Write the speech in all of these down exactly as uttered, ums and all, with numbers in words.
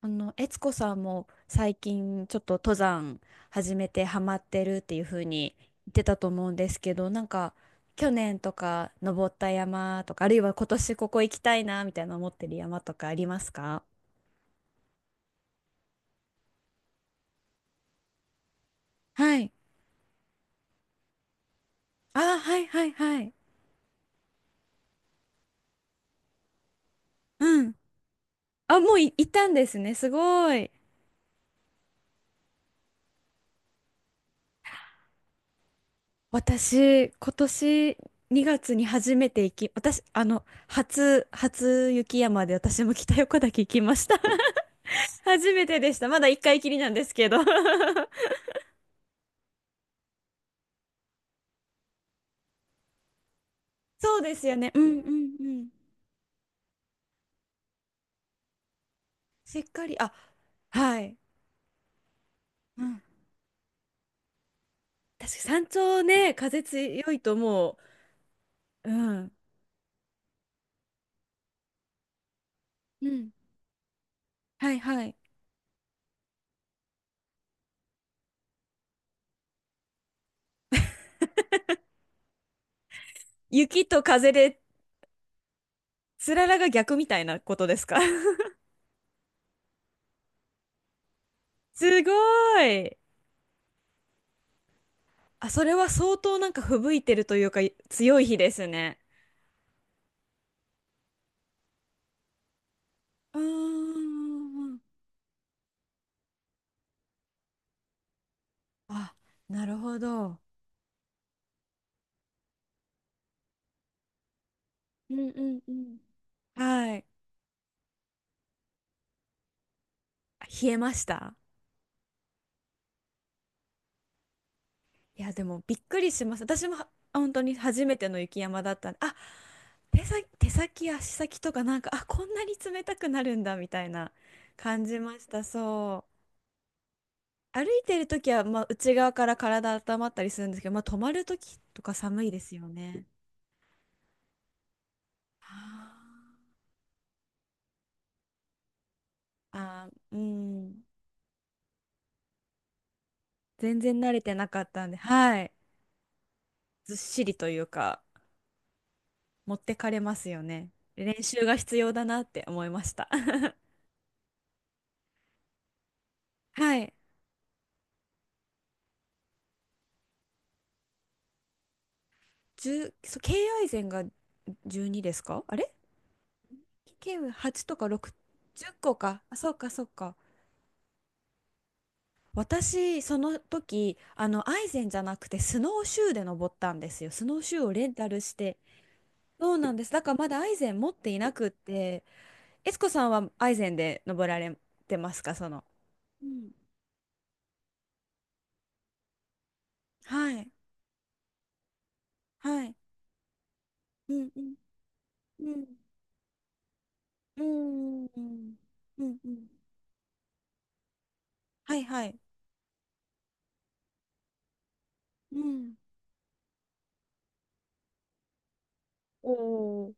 あの、悦子さんも最近ちょっと登山始めてハマってるっていう風に言ってたと思うんですけど、なんか去年とか登った山とか、あるいは今年ここ行きたいなみたいな思ってる山とかありますか？はい。あはいはいはい。うん。あ、もうい、行ったんですね。すごい。私、今年にがつに初めて行き、私、あの、初、初雪山で私も北横岳行きました。初めてでした。まだ一回きりなんですけど。そうですよね。うんうんうん。しっかり、あ、はい。うん。確かに山頂ね、風強いともう、うん。うん。はいはい。雪と風で、つららが逆みたいなことですか？ すごい。あ、それは相当なんか吹雪いてるというか、強い日ですね。うーん。あ、なるほど。うんうんうん。はい。冷えました？いや、でもびっくりします。私もは本当に初めての雪山だったんで、あ、手先、手先、足先とかなんか、あ、こんなに冷たくなるんだみたいな感じました。そう。歩いてるときは、まあ、内側から体温まったりするんですけど、まあ、止まるときとか寒いですよね。あーあー、うん。全然慣れてなかったんで、はい。ずっしりというか、持ってかれますよね。練習が必要だなって思いました。はい。じゅう、そう、敬愛膳がじゅうにですか、あれ。敬ははちとかろく、じゅっこか。あ、そうか、そうか。私、その時、あの、アイゼンじゃなくて、スノーシューで登ったんですよ。スノーシューをレンタルして。そうなんです。だからまだアイゼン持っていなくって、エツコさんはアイゼンで登られてますか、その？うん。はい。はい。うんうんうん。うんうんうん。うんうん。はいはい。うん。お、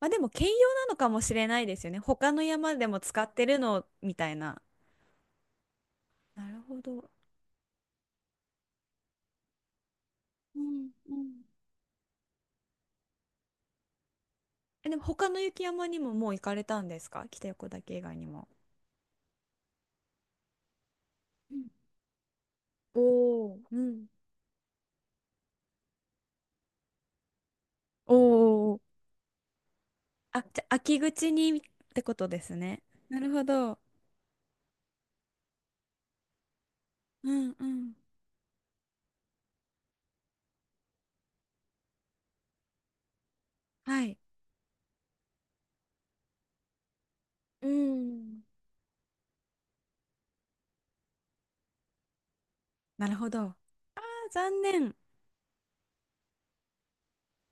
まあでも兼用なのかもしれないですよね。他の山でも使ってるのみたいな。なるほど。うんうん、え、でも他の雪山にももう行かれたんですか？北横岳以外にも。うん、おーうん。おー、あ、じゃあ秋口にってことですね。なるほど。うんうん。はい。うん、なるほど。あ、残念。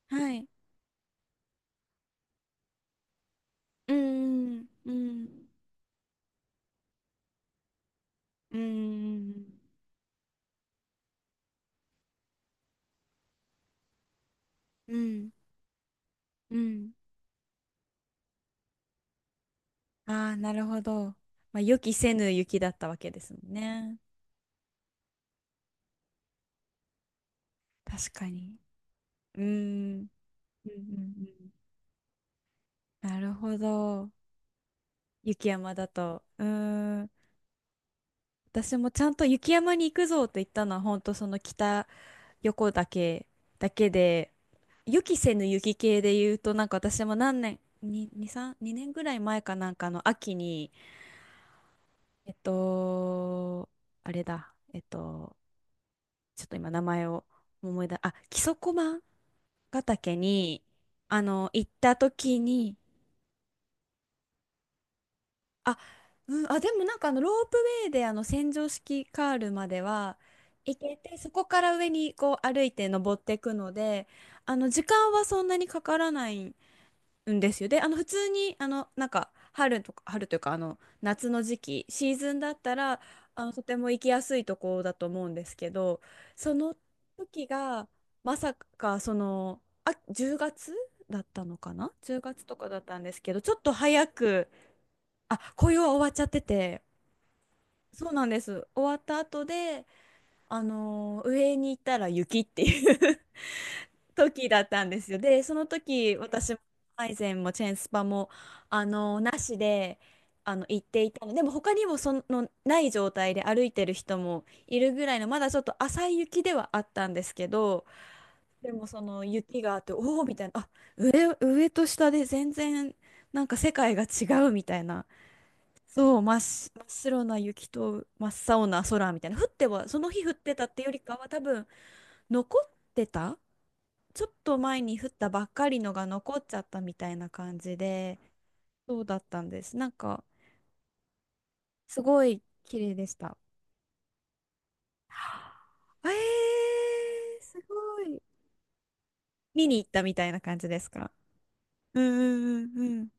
はい。うんうんうんうんうんうんうんうん、ああ、なるほど。まあ、予期せぬ雪だったわけですもんね。確かに。うーん。うんうんうん、なるほど。雪山だと。うーん。私もちゃんと雪山に行くぞと言ったのは、本当その北横岳だけで、予期せぬ雪系で言うと、なんか私も何年、に、に、さん、にねんぐらい前かなんかの秋に、えっと、あれだ、えっと、ちょっと今名前を思い出、あ、木曽駒ヶ岳に、あの、行った時に、あ、うん、あ、でもなんかあの、ロープウェイであの、洗浄式カールまでは行けて、そこから上にこう歩いて登っていくので、あの、時間はそんなにかからないうんですよ。で、あの普通にあのなんか春とか春というかあの夏の時期シーズンだったらあのとても行きやすいところだと思うんですけど、その時がまさかそのあ、じゅうがつだったのかな、じゅうがつとかだったんですけど、ちょっと早く、あ、紅葉は終わっちゃってて、そうなんです、終わった後であの上に行ったら雪っていう時だったんですよ。で、その時、私も、アイゼンもチェーンスパも、あの、なしで、あの、行っていたの。でも、他にも、その、ない状態で歩いてる人もいるぐらいの、まだちょっと浅い雪ではあったんですけど、でも、その、雪があって、おおみたいな、あ、上、上と下で全然、なんか世界が違うみたいな。そう、真っ白、真っ白な雪と真っ青な空みたいな。降っては、その日降ってたってよりかは、多分、残ってたちょっと前に降ったばっかりのが残っちゃったみたいな感じで、そうだったんです。なんか、すごい綺麗でした。はあえー、すごい。見に行ったみたいな感じですか？うんうんうんうん。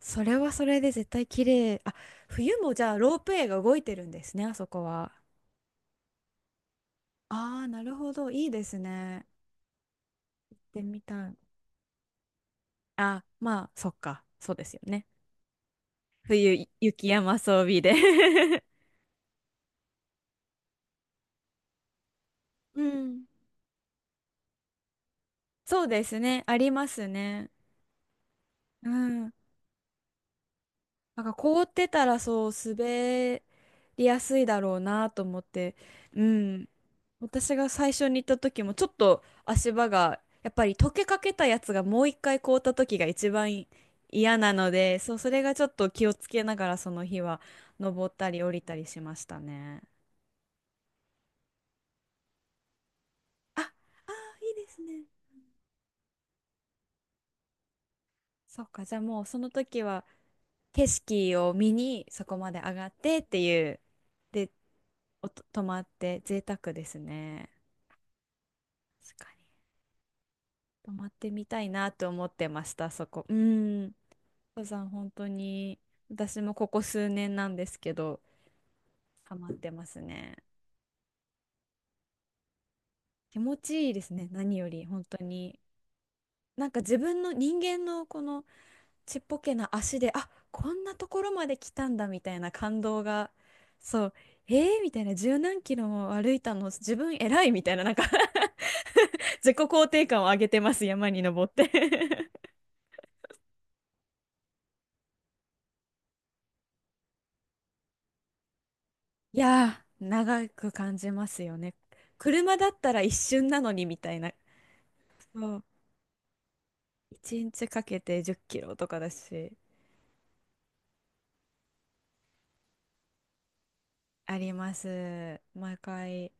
それはそれで絶対綺麗。あ、冬もじゃあロープウェイが動いてるんですね、あそこは。ああ、なるほど。いいですね。行ってみたい。あ、まあ、そっか。そうですよね。冬、雪山装備で うん。そうですね。ありますね。うん。なんか凍ってたらそう滑りやすいだろうなと思って。うん。私が最初に行った時もちょっと足場がやっぱり溶けかけたやつがもう一回凍った時が一番嫌なので、そう、それがちょっと気をつけながらその日は登ったり降りたりしましたね。ああー、いいですね。そっか、じゃあもうその時は景色を見にそこまで上がってっていう。で、おと泊まって贅沢ですね。確かに。泊まってみたいなと思ってました、そこ。うん。登山本当に私もここ数年なんですけど、ハマってますね。気持ちいいですね、何より本当に。なんか自分の人間のこのちっぽけな足で、あ、こんなところまで来たんだみたいな感動が、そう、えー、みたいな、じゅうなんキロも歩いたの、自分偉いみたいな、なんか 自己肯定感を上げてます、山に登って いやー、長く感じますよね。車だったら一瞬なのにみたいな。そう、いちにちかけてじゅっきろとかだし、あります。毎回、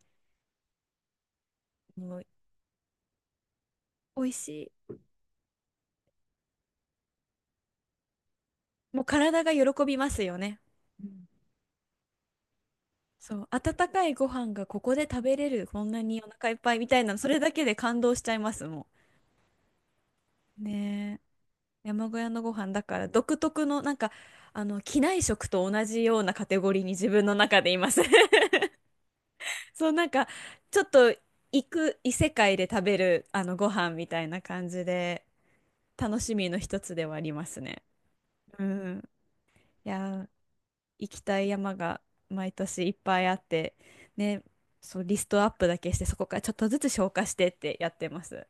もう、美味しい。もう体が喜びますよね。うん、そう、温かいご飯がここで食べれる、こんなにお腹いっぱいみたいな、それだけで感動しちゃいますもん。ねえ、山小屋のご飯だから独特のなんか、あの、機内食と同じようなカテゴリーに自分の中でいます。そう、なんか、ちょっと行く異世界で食べる、あの、ご飯みたいな感じで、楽しみの一つではありますね。うん。いやー、行きたい山が毎年いっぱいあって、ね、そう、リストアップだけして、そこからちょっとずつ消化してってやってます。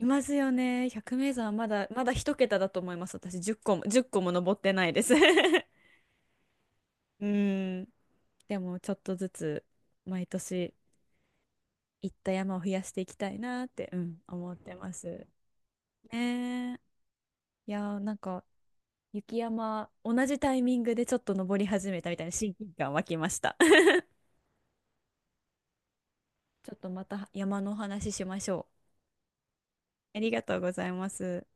いますよね。ひゃくめいざんはまだ、まだ一桁だと思います。私じゅっこも、いっこも登ってないです。うん。でも、ちょっとずつ毎年行った山を増やしていきたいなって、うん、思ってます。ねえ。いやー、なんか、雪山、同じタイミングでちょっと登り始めたみたいな親近感湧きました。ちょっとまた山のお話ししましょう。ありがとうございます。